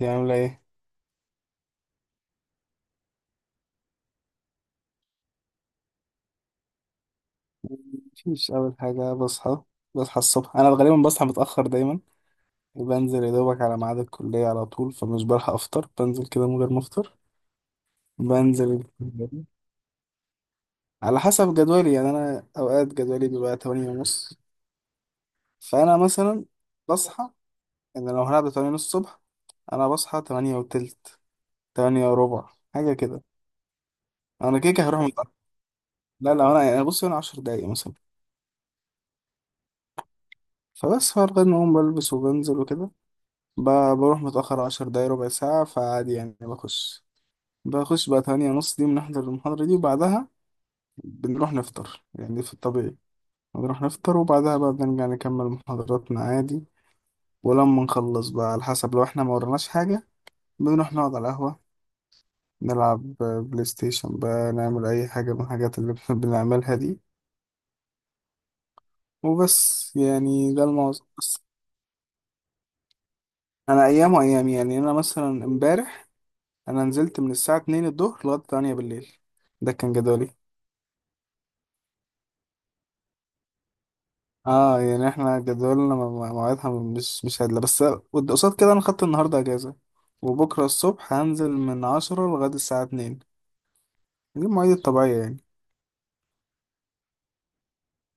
دي عاملة ايه؟ مفيش أول حاجة بصحى. بصحى الصبح، أنا غالبا بصحى متأخر دايما، وبنزل يا دوبك على ميعاد الكلية على طول، فمش بلحق أفطر، بنزل كده من غير ما أفطر، بنزل الكلية. على حسب جدولي يعني. أنا أوقات جدولي بيبقى 8:30، فأنا مثلا بصحى. إن لو هلعب 8:30 الصبح، أنا بصحى 8:20، 8:15، حاجة كده. أنا كده كده هروح متأخر. لا لا، أنا يعني بص، أنا 10 دقايق مثلا، فبس فارغ إن أقوم بلبس وبنزل وكده. بروح متأخر 10 دقايق، ربع ساعة، فعادي يعني. بخش بقى 8:30، دي بنحضر المحاضرة دي، وبعدها بنروح نفطر يعني في الطبيعي. بنروح نفطر، وبعدها بقى بنرجع نكمل محاضراتنا عادي. ولما نخلص بقى، على حسب، لو احنا ما وراناش حاجة بنروح نقعد على القهوة، نلعب بلاي ستيشن بقى، نعمل أي حاجة من الحاجات اللي بنعملها دي. وبس، يعني ده الموضوع بس. أنا أيام وأيام يعني. أنا مثلا امبارح أنا نزلت من الساعة اتنين الظهر لغاية 8 بالليل. ده كان جدولي. اه يعني احنا جدولنا مواعيدها مش هادلة، بس قصاد كده انا خدت النهاردة اجازة، وبكرة الصبح هنزل من عشرة لغاية الساعة اتنين. دي المواعيد الطبيعية يعني.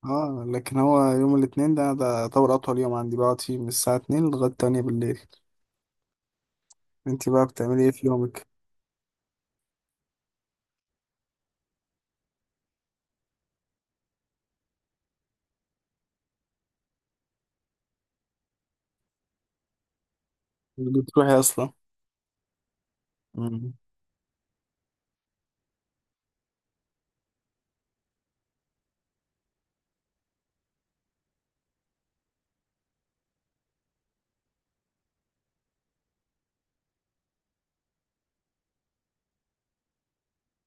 اه، لكن هو يوم الاتنين ده يعتبر اطول يوم عندي، بقعد فيه من الساعة اتنين لغاية تانية بالليل. انتي بقى بتعملي ايه في يومك؟ بتروحي اصلا؟ مم.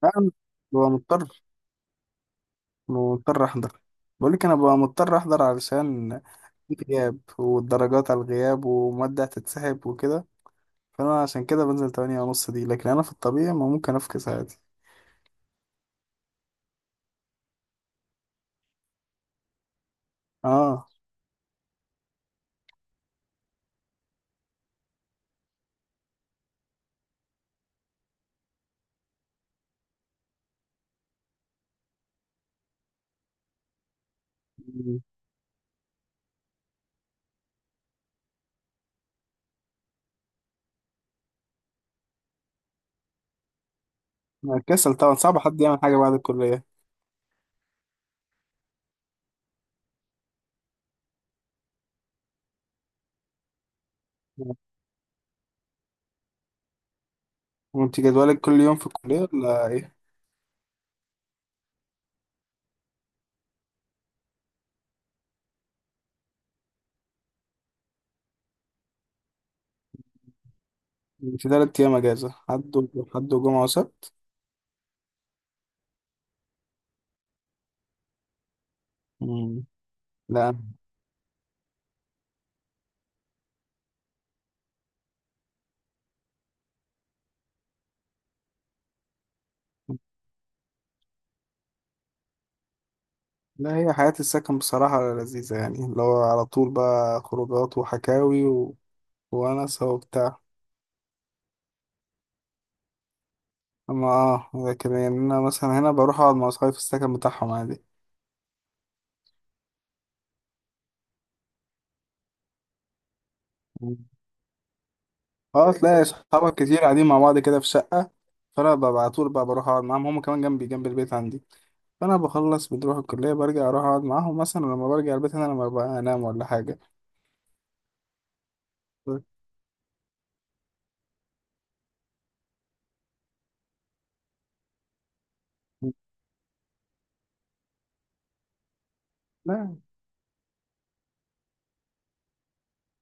لا، انا ببقى مضطر احضر. بقولك انا ببقى مضطر احضر، علشان في غياب، والدرجات على الغياب، ومادة هتتسحب وكده. فانا عشان كده بنزل 8:30 دي، لكن انا في الطبيعي ما ممكن افكس عادي. اه، أنا كسل طبعا، صعب حد يعمل حاجة بعد الكلية. وانت جدولك كل يوم في الكلية ولا ايه؟ انت تلات ايام اجازة، حد حد وجمعة وسبت. مم. لا لا، هي حياة السكن بصراحة لذيذة يعني، اللي هو على طول بقى خروجات وحكاوي وأنس وبتاع. أما لكن يعني، أنا مثلا هنا بروح أقعد مع أصحابي في السكن بتاعهم عادي. اه، تلاقي صحابك كتير قاعدين مع بعض كده في شقة. فأنا ببقى على طول بقى بروح أقعد معاهم، هما كمان جنبي، جنب البيت عندي. فأنا بخلص بنروح الكلية، برجع أروح أقعد معاهم مثلا، لما برجع البيت أنا لما ببقى أنام ولا حاجة. لا.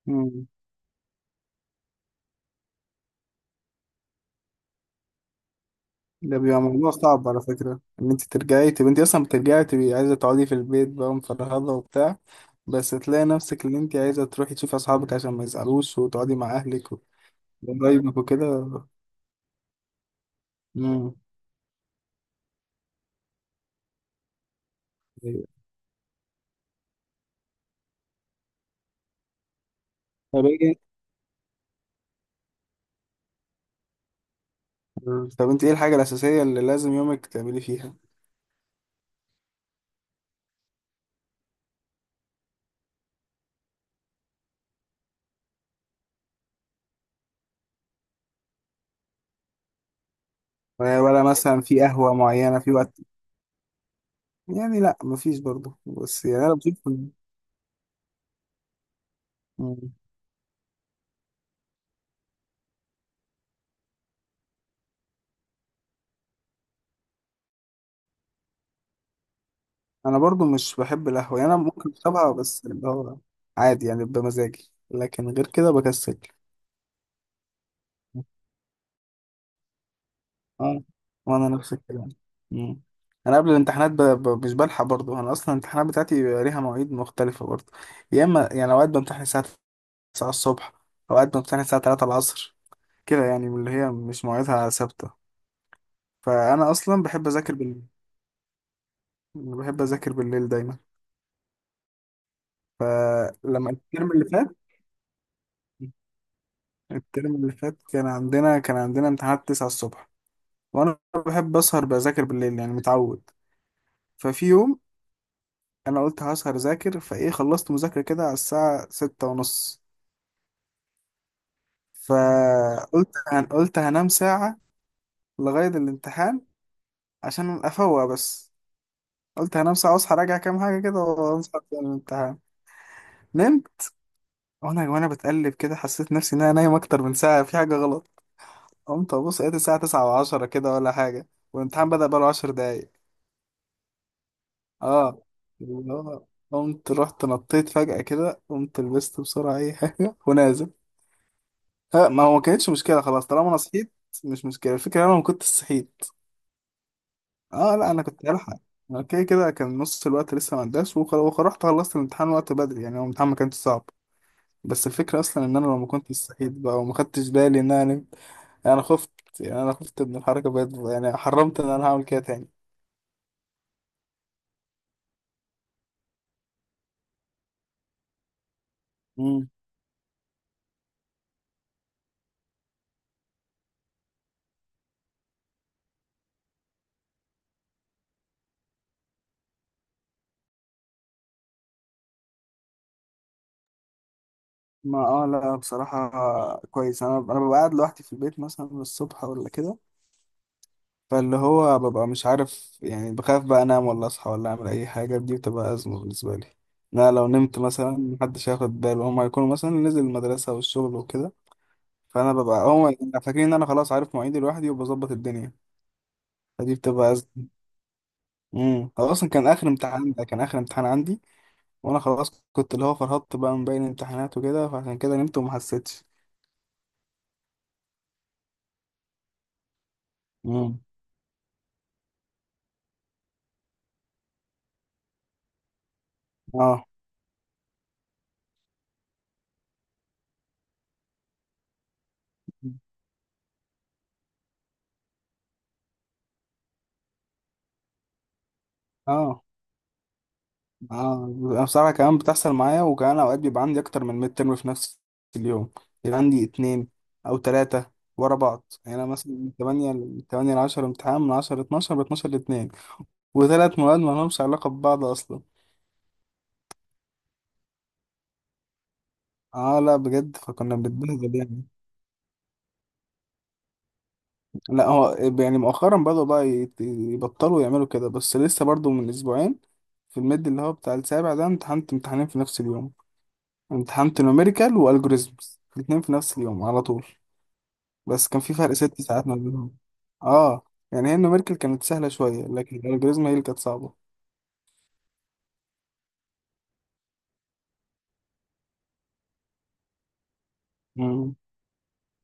مم. ده بيبقى موضوع صعب على فكرة، إن أنت ترجعي تبقى أنت أصلا بترجعي تبقي عايزة تقعدي في البيت بقى مفرهدة وبتاع، بس تلاقي نفسك إن أنت عايزة تروحي تشوفي أصحابك عشان ما يزعلوش، وتقعدي مع أهلك وقرايبك وكده. مم. طب إيه. مم. طب انت ايه الحاجة الأساسية اللي لازم يومك تعملي فيها؟ ولا مثلا في قهوة معينة في وقت؟ يعني لا، مفيش برضه، بس يعني انا بشوف إن. مم. انا برضه مش بحب القهوة، يعني انا ممكن اشربها، بس اللي هو عادي يعني، بمزاجي، لكن غير كده بكسل. اه، وانا نفس الكلام. مم. انا قبل الامتحانات مش بلحق برضه. انا اصلا الامتحانات بتاعتي بيبقى ليها مواعيد مختلفة برضه. يا اما يعني اوقات بمتحن الساعة 9 الصبح، اوقات بمتحن الساعة 3 العصر، كده يعني، من اللي هي مش مواعيدها ثابتة. فانا اصلا بحب اذاكر بالليل، بحب اذاكر بالليل دايما. فلما الترم اللي فات الترم اللي فات كان عندنا امتحانات 9 الصبح، وانا بحب اسهر بذاكر بالليل يعني، متعود. ففي يوم انا قلت هسهر اذاكر، فايه خلصت مذاكره كده على الساعه 6 ونص. قلت هنام ساعه لغايه الامتحان، عشان افوق بس. قلت هنام ساعه واصحى راجع كام حاجه كده، وانصح في الامتحان. نمت، وانا بتقلب كده، حسيت نفسي ان انا نايم اكتر من ساعه، في حاجه غلط. قمت ابص، لقيت الساعه 9 و10 كده ولا حاجه، والامتحان بدأ بقاله 10 دقايق. اه، اللي هو قمت رحت نطيت فجأة كده، قمت لبست بسرعة أي حاجة ونازل. ها، ما هو ما كانتش مشكلة خلاص طالما أنا صحيت. مش مشكلة، الفكرة أنا ما كنتش صحيت. اه لا، أنا كنت هلحق. أنا كده كده كان نص الوقت لسه ما عداش، ورحت خلصت الامتحان وقت بدري يعني، هو الامتحان ما كانش صعب. بس الفكرة أصلا إن أنا لو ما كنتش صحيت بقى وما خدتش بالي إن. انا خفت، يعني انا خفت من الحركه بجد يعني، حرمت ان انا هعمل كده تاني. مم. ما اه لا، بصراحه كويس. انا ببقى قاعد لوحدي في البيت مثلا الصبح ولا كده، فاللي هو ببقى مش عارف يعني، بخاف بقى انام ولا اصحى ولا اعمل اي حاجه، دي بتبقى ازمه بالنسبه لي. لا، لو نمت مثلا محدش هياخد باله، هما هيكونوا مثلا نزل المدرسه والشغل وكده. فانا ببقى هما يبقوا فاكرين ان انا خلاص عارف مواعيدي لوحدي وبظبط الدنيا، فدي بتبقى ازمه. هو اصلا كان اخر امتحان عندي، وانا خلاص كنت اللي هو فرهدت بقى من باقي الامتحانات وكده، فعشان كده نمت وما حسيتش. مم. اه اه اه. انا بصراحه كمان بتحصل معايا، وكمان اوقات بيبقى عندي اكتر من ميد ترم في نفس اليوم، يبقى عندي اتنين او تلاته ورا بعض يعني. انا مثلا من 8 ل 8 ل 10 امتحان، من 10 ل 12، ب 12 ل 2، وثلاث مواد ما لهمش علاقه ببعض اصلا. اه لا بجد، فكنا بنتبهدل يعني. لا هو يعني مؤخرا بدأوا بقى يبطلوا يعملوا كده، بس لسه برضو من اسبوعين في الميد اللي هو بتاع السابع ده امتحنت امتحانين في نفس اليوم. امتحنت نوميريكال والجوريزمز الاتنين في نفس اليوم على طول، بس كان في فرق 6 ساعات ما بينهم. اه، يعني هي النوميريكال كانت سهلة شوية، لكن الالجوريزم هي اللي كانت صعبة. مم.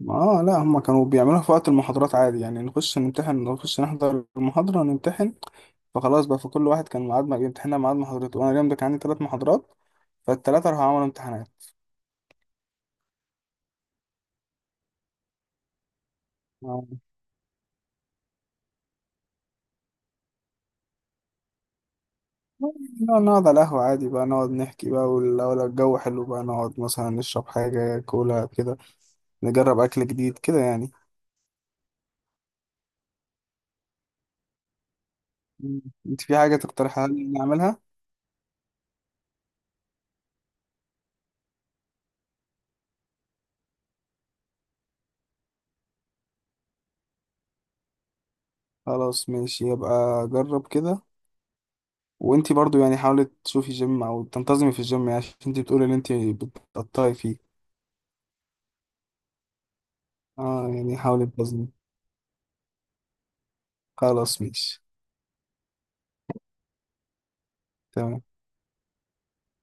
اه لا، هما كانوا بيعملوها في وقت المحاضرات عادي يعني، نخش نمتحن، نخش نحضر المحاضرة ونمتحن. فخلاص بقى، فكل واحد كان ميعاد ما بيمتحنها ميعاد محاضرته. وانا اليوم ده كان عندي 3 محاضرات، فالتلاتة راحوا عملوا امتحانات. آه، نقعد على القهوة عادي بقى، نقعد نحكي بقى. ولو الجو حلو بقى نقعد مثلا نشرب حاجة كولا كده، نجرب أكل جديد كده يعني. مم. انت في حاجة تقترحها لي نعملها؟ خلاص ماشي، يبقى جرب كده. وانت برضو يعني حاولي تشوفي جيم أو تنتظمي في الجيم، يعني عشان انت بتقولي ان انت بتقطعي فيه. اه يعني، حاولي تنتظمي. خلاص ماشي. تمام.